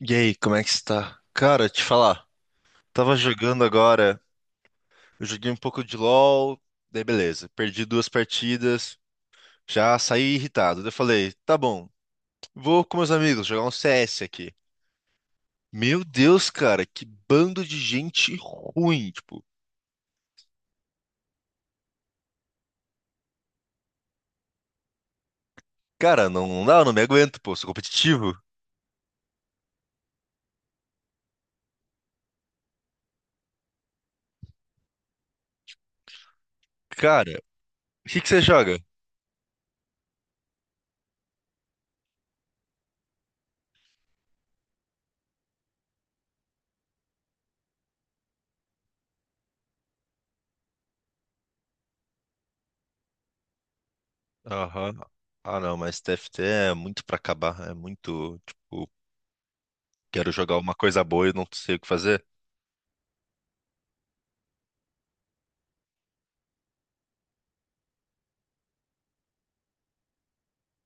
E aí, como é que está? Cara, te falar, tava jogando agora, eu joguei um pouco de LoL, daí beleza, perdi duas partidas, já saí irritado. Daí eu falei, tá bom, vou com meus amigos jogar um CS aqui. Meu Deus, cara, que bando de gente ruim, tipo, cara, não, não dá, eu não me aguento, pô, sou competitivo. Cara, o que que você joga? Aham. Ah, não, mas TFT é muito pra acabar, é muito, tipo, quero jogar uma coisa boa e não sei o que fazer.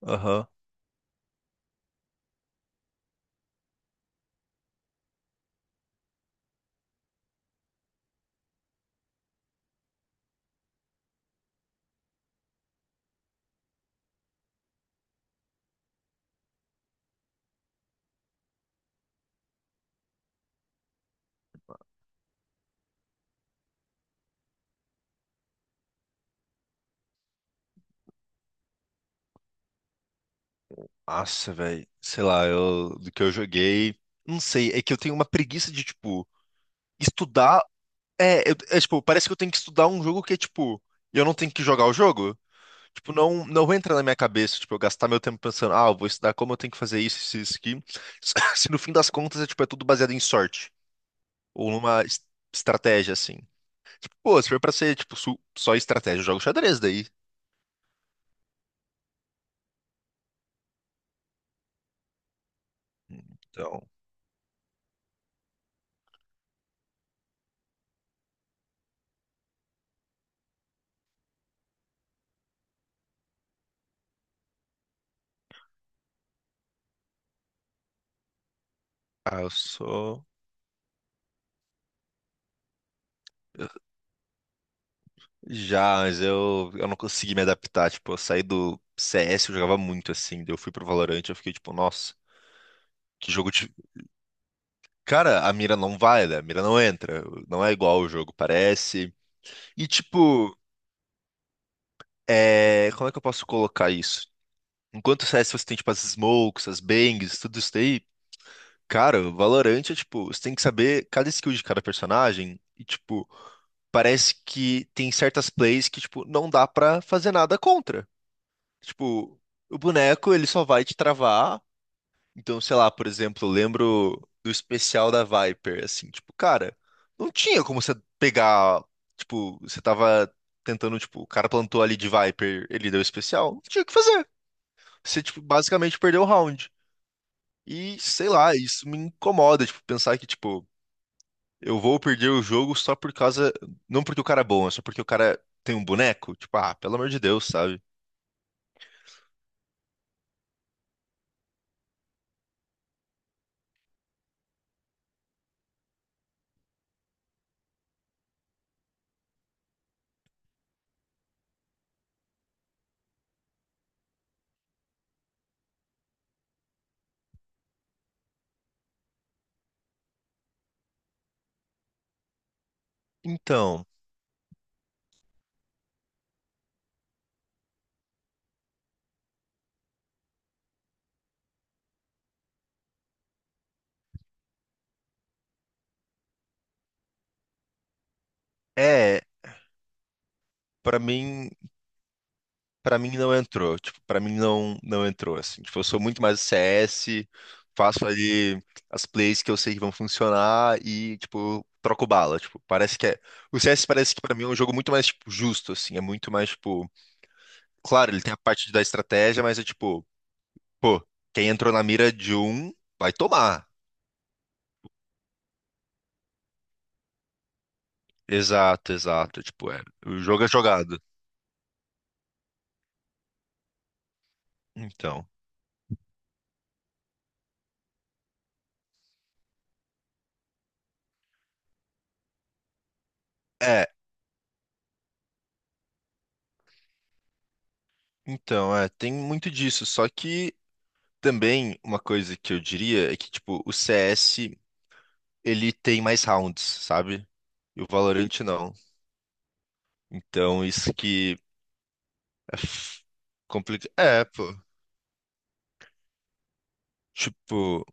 Aham. Nossa, velho. Sei lá, do que eu joguei. Não sei, é que eu tenho uma preguiça de, tipo, estudar. É, é, tipo, parece que eu tenho que estudar um jogo que é, tipo, eu não tenho que jogar o jogo. Tipo, não, não entra na minha cabeça, tipo, eu gastar meu tempo pensando, ah, eu vou estudar como eu tenho que fazer isso, isso, isso aqui. Se no fim das contas é, tipo, é tudo baseado em sorte. Ou numa estratégia, assim. Pô, se for pra ser, tipo, só estratégia, eu jogo xadrez daí. Então, ah, eu sou. Já, mas eu não consegui me adaptar. Tipo, eu saí do CS, eu jogava muito assim. Daí eu fui pro Valorant, eu fiquei tipo, nossa, que jogo de. Cara, a mira não vai, né? A mira não entra. Não é igual o jogo, parece. E tipo, como é que eu posso colocar isso? Enquanto o CS você tem tipo as smokes, as bangs, tudo isso daí. Cara, o Valorant é tipo, você tem que saber cada skill de cada personagem. E tipo, parece que tem certas plays que tipo, não dá pra fazer nada contra. Tipo, o boneco ele só vai te travar. Então, sei lá, por exemplo, eu lembro do especial da Viper, assim, tipo, cara, não tinha como você pegar, tipo, você tava tentando, tipo, o cara plantou ali de Viper, ele deu especial, não tinha o que fazer. Você, tipo, basicamente perdeu o round. E, sei lá, isso me incomoda, tipo, pensar que, tipo, eu vou perder o jogo só por causa, não porque o cara é bom, é só porque o cara tem um boneco, tipo, ah, pelo amor de Deus, sabe? Então, é, Pra mim Pra mim não entrou, tipo, para mim não não entrou assim. Tipo, eu sou muito mais CS, faço ali as plays que eu sei que vão funcionar e tipo, troco bala, tipo, parece que é, o CS parece que pra mim é um jogo muito mais tipo justo assim, é muito mais tipo, claro, ele tem a parte da estratégia, mas é tipo, pô, quem entrou na mira de um vai tomar. Exato, exato, tipo, o jogo é jogado. Então, é, então, tem muito disso, só que também uma coisa que eu diria é que, tipo, o CS, ele tem mais rounds, sabe? E o Valorant não. Então, isso que é complicado. É, pô. Tipo,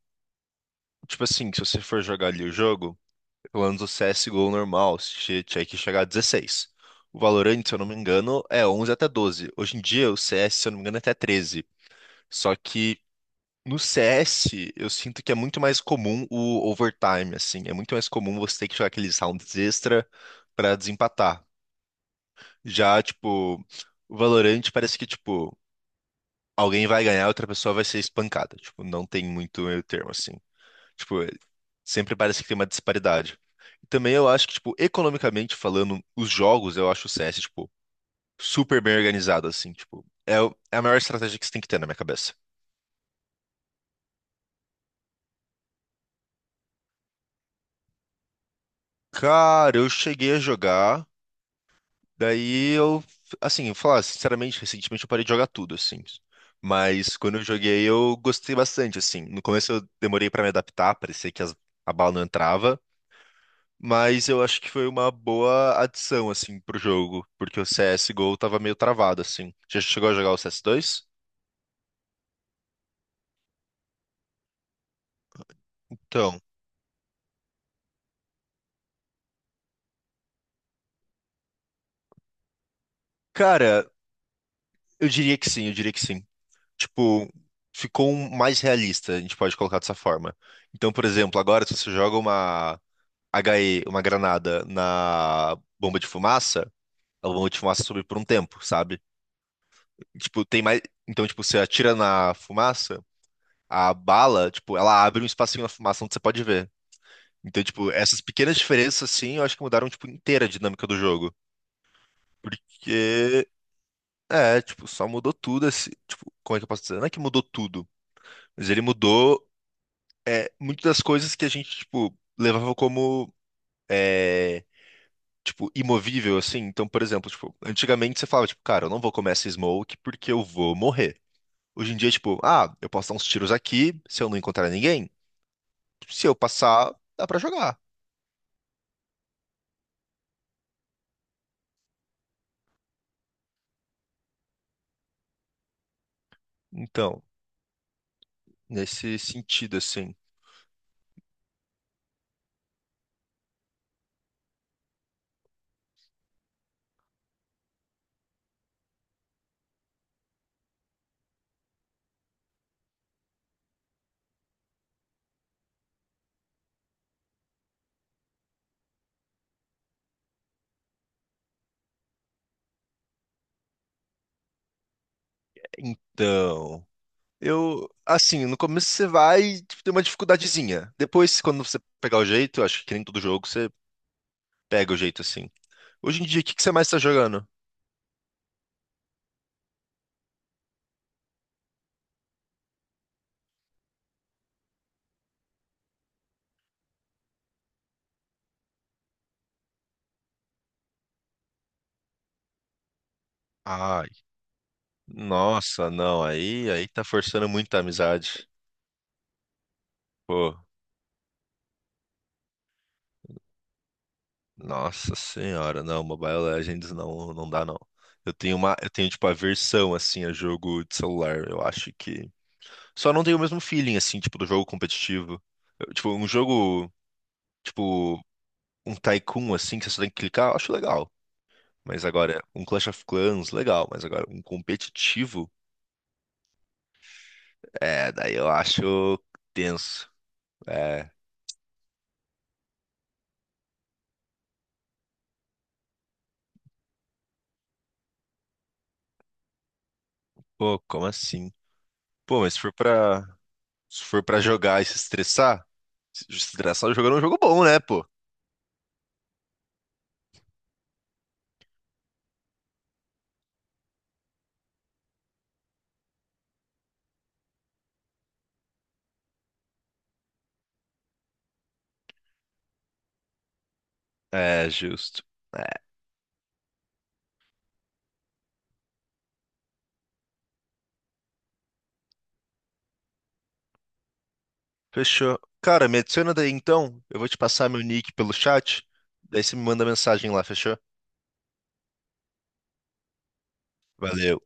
tipo assim, se você for jogar ali o jogo, pelo menos o CSGO normal, você tinha que chegar a 16. O Valorant, se eu não me engano, é 11 até 12. Hoje em dia, o CS, se eu não me engano, é até 13. Só que no CS, eu sinto que é muito mais comum o overtime, assim. É muito mais comum você ter que jogar aqueles rounds extra pra desempatar. Já, tipo, o Valorant parece que, tipo, alguém vai ganhar, outra pessoa vai ser espancada. Tipo, não tem muito meio termo, assim. Tipo, sempre parece que tem uma disparidade. E também eu acho que, tipo, economicamente falando, os jogos, eu acho o CS, tipo, super bem organizado, assim. Tipo, é a maior estratégia que você tem que ter na minha cabeça. Cara, eu cheguei a jogar. Daí eu, assim, eu falar, sinceramente, recentemente eu parei de jogar tudo, assim. Mas quando eu joguei, eu gostei bastante, assim. No começo eu demorei pra me adaptar, parecia que a bala não entrava. Mas eu acho que foi uma boa adição, assim, pro jogo. Porque o CSGO tava meio travado, assim. Já chegou a jogar o CS2? Então, cara, eu diria que sim, eu diria que sim. Tipo, ficou um mais realista, a gente pode colocar dessa forma. Então, por exemplo, agora se você joga uma HE, uma granada na bomba de fumaça, a bomba de fumaça sobe por um tempo, sabe? Tipo, tem mais. Então, tipo, você atira na fumaça, a bala, tipo, ela abre um espacinho na fumaça onde você pode ver. Então, tipo, essas pequenas diferenças, assim, eu acho que mudaram, tipo, inteira a dinâmica do jogo. Porque, tipo, só mudou tudo, assim, tipo, como é que eu posso dizer? Não é que mudou tudo, mas ele mudou, muitas das coisas que a gente, tipo, levava como é, tipo, imovível, assim. Então, por exemplo, tipo, antigamente você falava, tipo, cara, eu não vou comer essa smoke porque eu vou morrer. Hoje em dia, tipo, ah, eu posso dar uns tiros aqui, se eu não encontrar ninguém, se eu passar, dá pra jogar. Então, nesse sentido, assim. Então, eu, assim, no começo você vai, tipo, tem uma dificuldadezinha. Depois, quando você pegar o jeito, eu acho que nem todo jogo você pega o jeito, assim. Hoje em dia, o que que você mais tá jogando? Ai, nossa, não, aí tá forçando muita amizade. Pô. Nossa senhora, não, Mobile Legends não, não dá não. Eu tenho tipo aversão assim a jogo de celular. Eu acho que só não tenho o mesmo feeling assim, tipo do jogo competitivo. Eu, tipo um jogo, tipo um Tycoon assim que você só tem que clicar, eu acho legal. Mas agora um Clash of Clans legal, mas agora um competitivo, daí eu acho tenso. É, pô, como assim? Pô, mas se for pra jogar e se estressar, se estressar jogando é um jogo bom, né, pô? É, justo. É, fechou. Cara, me adiciona daí então. Eu vou te passar meu nick pelo chat. Daí você me manda mensagem lá, fechou? Valeu.